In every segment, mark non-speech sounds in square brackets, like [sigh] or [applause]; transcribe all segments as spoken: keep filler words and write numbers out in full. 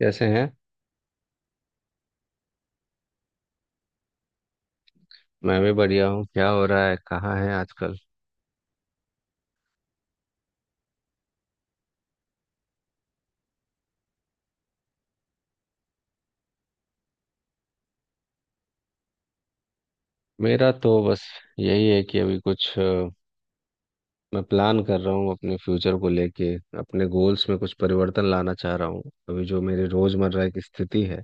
कैसे हैं? मैं भी बढ़िया हूँ। क्या हो रहा है? कहाँ है आजकल? मेरा तो बस यही है कि अभी कुछ अ, मैं प्लान कर रहा हूँ अपने फ्यूचर को लेके। अपने गोल्स में कुछ परिवर्तन लाना चाह रहा हूँ। अभी जो मेरी रोजमर्रा की स्थिति है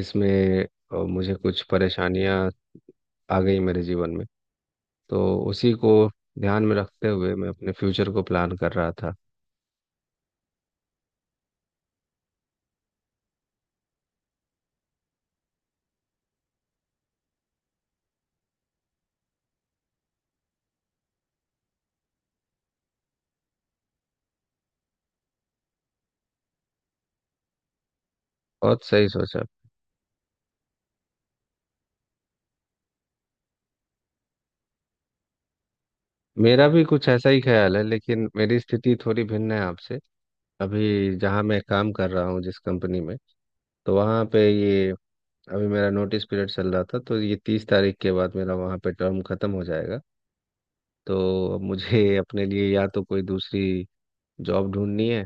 इसमें अ, मुझे कुछ परेशानियाँ आ गई मेरे जीवन में। तो उसी को ध्यान में रखते हुए मैं अपने फ्यूचर को प्लान कर रहा था। बहुत सही सोचा। मेरा भी कुछ ऐसा ही ख्याल है, लेकिन मेरी स्थिति थोड़ी भिन्न है आपसे। अभी जहाँ मैं काम कर रहा हूँ, जिस कंपनी में, तो वहाँ पे ये अभी मेरा नोटिस पीरियड चल रहा था, तो ये तीस तारीख के बाद मेरा वहाँ पे टर्म खत्म हो जाएगा। तो अब मुझे [laughs] अपने लिए या तो कोई दूसरी जॉब ढूंढनी है,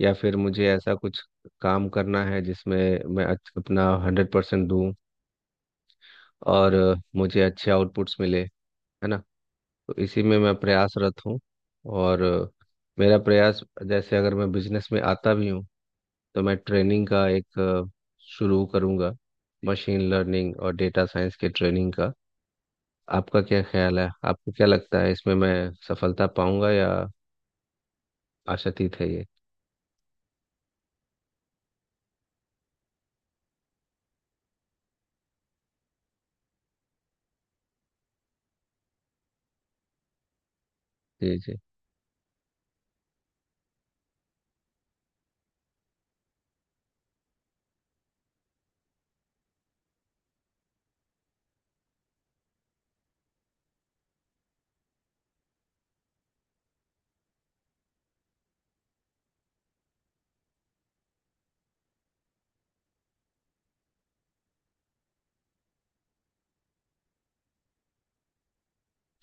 या फिर मुझे ऐसा कुछ काम करना है जिसमें मैं अच्छ- अपना हंड्रेड परसेंट दूँ और अ, मुझे अच्छे आउटपुट्स मिले। है ना। तो इसी में मैं प्रयासरत हूँ। और अ, मेरा प्रयास, जैसे अगर मैं बिजनेस में आता भी हूँ, तो मैं ट्रेनिंग का एक अ, शुरू करूंगा, मशीन लर्निंग और डेटा साइंस के ट्रेनिंग का। आपका क्या ख्याल है? आपको क्या लगता है, इसमें मैं सफलता पाऊंगा या आशातीत है ये? जी। जी।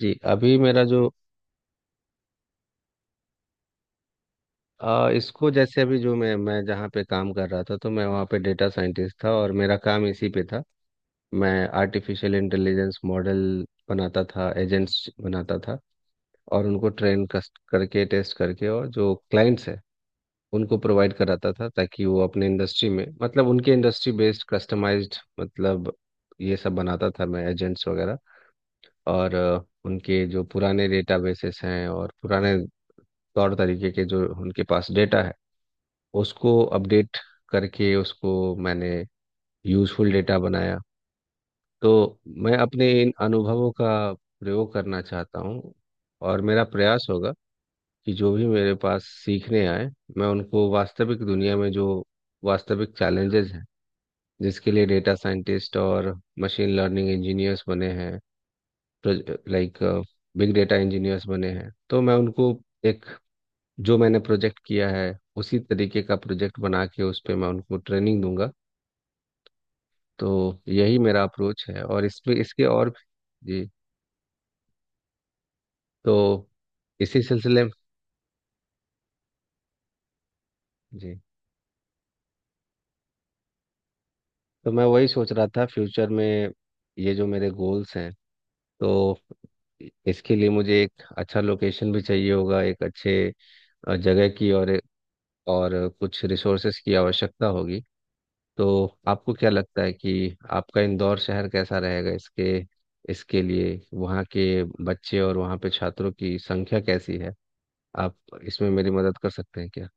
जी अभी मेरा जो अ, इसको, जैसे अभी जो मैं मैं जहाँ पे काम कर रहा था, तो मैं वहाँ पे डेटा साइंटिस्ट था और मेरा काम इसी पे था। मैं आर्टिफिशियल इंटेलिजेंस मॉडल बनाता था, एजेंट्स बनाता था, और उनको ट्रेन करके टेस्ट करके, और जो क्लाइंट्स है उनको प्रोवाइड कराता था ताकि वो अपने इंडस्ट्री में, मतलब उनके इंडस्ट्री बेस्ड कस्टमाइज्ड, मतलब ये सब बनाता था मैं, एजेंट्स वगैरह। और अ, उनके जो पुराने डेटाबेसेस हैं और पुराने तौर तरीके के जो उनके पास डेटा है, उसको अपडेट करके उसको मैंने यूजफुल डेटा बनाया। तो मैं अपने इन अनुभवों का प्रयोग करना चाहता हूँ। और मेरा प्रयास होगा कि जो भी मेरे पास सीखने आए, मैं उनको वास्तविक दुनिया में, जो वास्तविक चैलेंजेस हैं जिसके लिए डेटा साइंटिस्ट और मशीन लर्निंग इंजीनियर्स बने हैं, लाइक बिग डेटा इंजीनियर्स बने हैं, तो मैं उनको एक, जो मैंने प्रोजेक्ट किया है उसी तरीके का प्रोजेक्ट बना के उस पे मैं उनको ट्रेनिंग दूंगा। तो यही मेरा अप्रोच है, और इसमें इसके और भी- जी। तो इसी सिलसिले में, जी, तो मैं वही सोच रहा था फ्यूचर में। ये जो मेरे गोल्स हैं, तो इसके लिए मुझे एक अच्छा लोकेशन भी चाहिए होगा, एक अच्छे अ, जगह की, और और कुछ रिसोर्सेस की आवश्यकता होगी। तो आपको क्या लगता है कि आपका इंदौर शहर कैसा रहेगा इसके? इसके लिए वहाँ के बच्चे और वहाँ पे छात्रों की संख्या कैसी है? आप इसमें मेरी मदद कर सकते हैं क्या?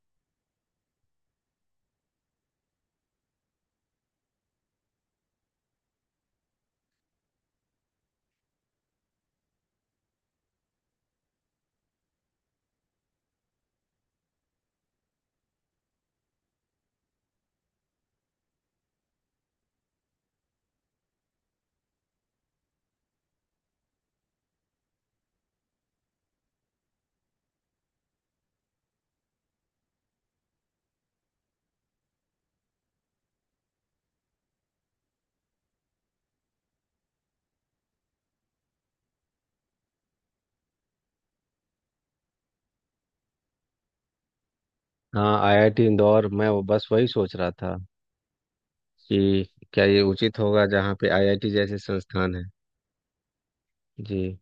हाँ, आई आई टी इंदौर, मैं वो बस वही सोच रहा था कि क्या ये उचित होगा जहाँ पे आई आई टी जैसे संस्थान है। जी।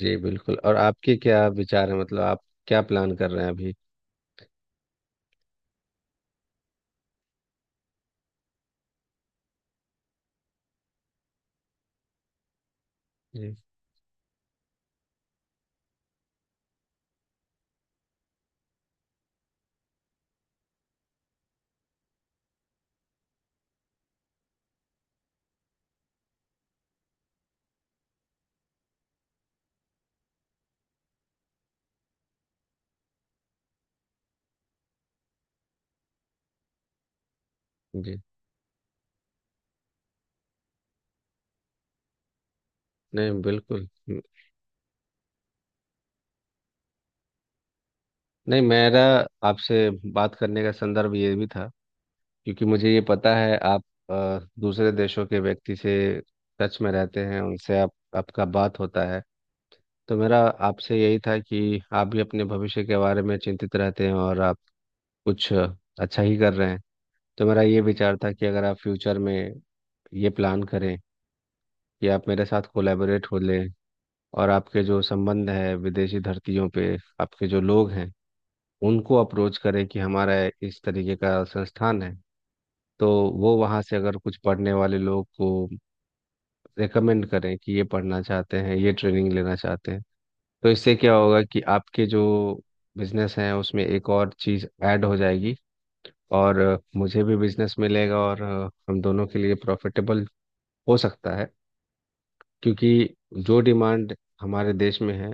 जी बिल्कुल। और आपके क्या विचार है, मतलब आप क्या प्लान कर रहे हैं अभी? जी। जी। नहीं बिल्कुल। नहीं मेरा, आपसे बात करने का संदर्भ ये भी था क्योंकि मुझे ये पता है, आप अ, दूसरे देशों के व्यक्ति से टच में रहते हैं, उनसे आप आपका बात होता है। तो मेरा आपसे यही था कि आप भी अपने भविष्य के बारे में चिंतित रहते हैं, और आप कुछ अच्छा ही कर रहे हैं। तो मेरा ये विचार था कि अगर आप फ्यूचर में ये प्लान करें कि आप मेरे साथ कोलैबोरेट हो लें, और आपके जो संबंध है विदेशी धरतियों पे, आपके जो लोग हैं, उनको अप्रोच करें कि हमारा इस तरीके का संस्थान है, तो वो वहाँ से अगर कुछ पढ़ने वाले लोग को रेकमेंड करें कि ये पढ़ना चाहते हैं, ये ट्रेनिंग लेना चाहते हैं, तो इससे क्या होगा कि आपके जो बिजनेस हैं उसमें एक और चीज़ ऐड हो जाएगी, और मुझे भी बिजनेस मिलेगा, और हम दोनों के लिए प्रॉफिटेबल हो सकता है। क्योंकि जो डिमांड हमारे देश में है,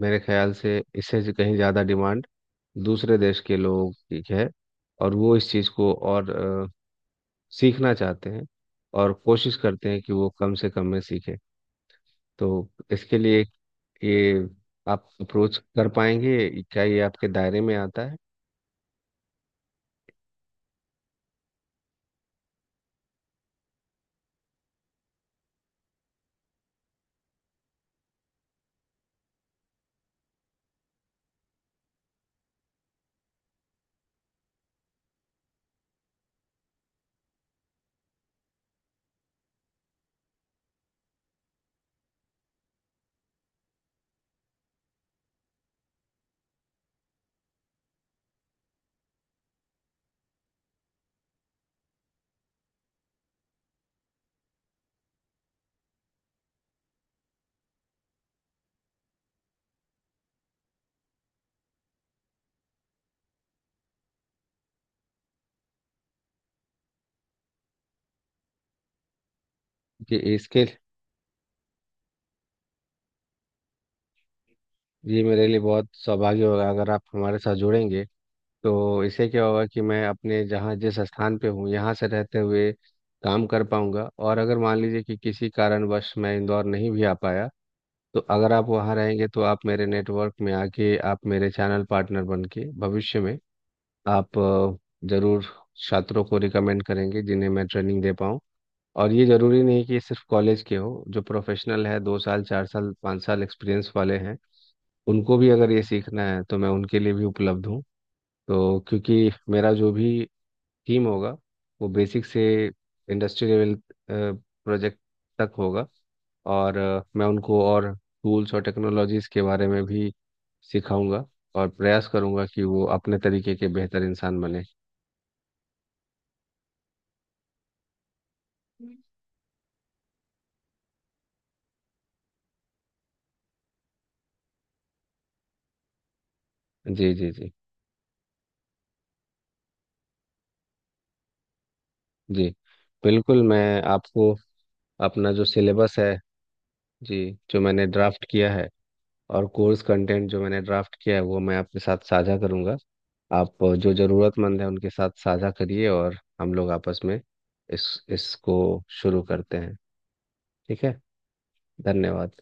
मेरे ख्याल से इससे कहीं ज़्यादा डिमांड दूसरे देश के लोग, ठीक है, और वो इस चीज़ को और अ, सीखना चाहते हैं, और कोशिश करते हैं कि वो कम से कम में सीखे। तो इसके लिए ये आप अप्रोच कर पाएंगे क्या? ये आपके दायरे में आता है? कि इसके, ये मेरे लिए बहुत सौभाग्य होगा अगर आप हमारे साथ जुड़ेंगे। तो इससे क्या होगा कि मैं अपने जहाँ जिस स्थान पे हूँ यहाँ से रहते हुए काम कर पाऊंगा, और अगर मान लीजिए कि किसी कारणवश मैं इंदौर नहीं भी आ पाया, तो अगर आप वहाँ रहेंगे तो आप मेरे नेटवर्क में आके आप मेरे चैनल पार्टनर बन के भविष्य में आप अ, जरूर छात्रों को रिकमेंड करेंगे, जिन्हें मैं ट्रेनिंग दे पाऊँ। और ये जरूरी नहीं कि सिर्फ कॉलेज के हो, जो प्रोफेशनल है, दो साल चार साल पाँच साल एक्सपीरियंस वाले हैं, उनको भी अगर ये सीखना है तो मैं उनके लिए भी उपलब्ध हूँ। तो क्योंकि मेरा जो भी टीम होगा, वो बेसिक से इंडस्ट्री लेवल प्रोजेक्ट तक होगा, और अ, मैं उनको और टूल्स और टेक्नोलॉजीज के बारे में भी सिखाऊंगा, और प्रयास करूंगा कि वो अपने तरीके के बेहतर इंसान बने। जी जी जी। जी बिल्कुल। मैं आपको अपना जो सिलेबस है, जी, जो मैंने ड्राफ्ट किया है और कोर्स कंटेंट जो मैंने ड्राफ्ट किया है, वो मैं आपके साथ साझा करूंगा। आप जो ज़रूरतमंद है उनके साथ साझा करिए, और हम लोग आपस में इस इसको शुरू करते हैं। ठीक है। धन्यवाद।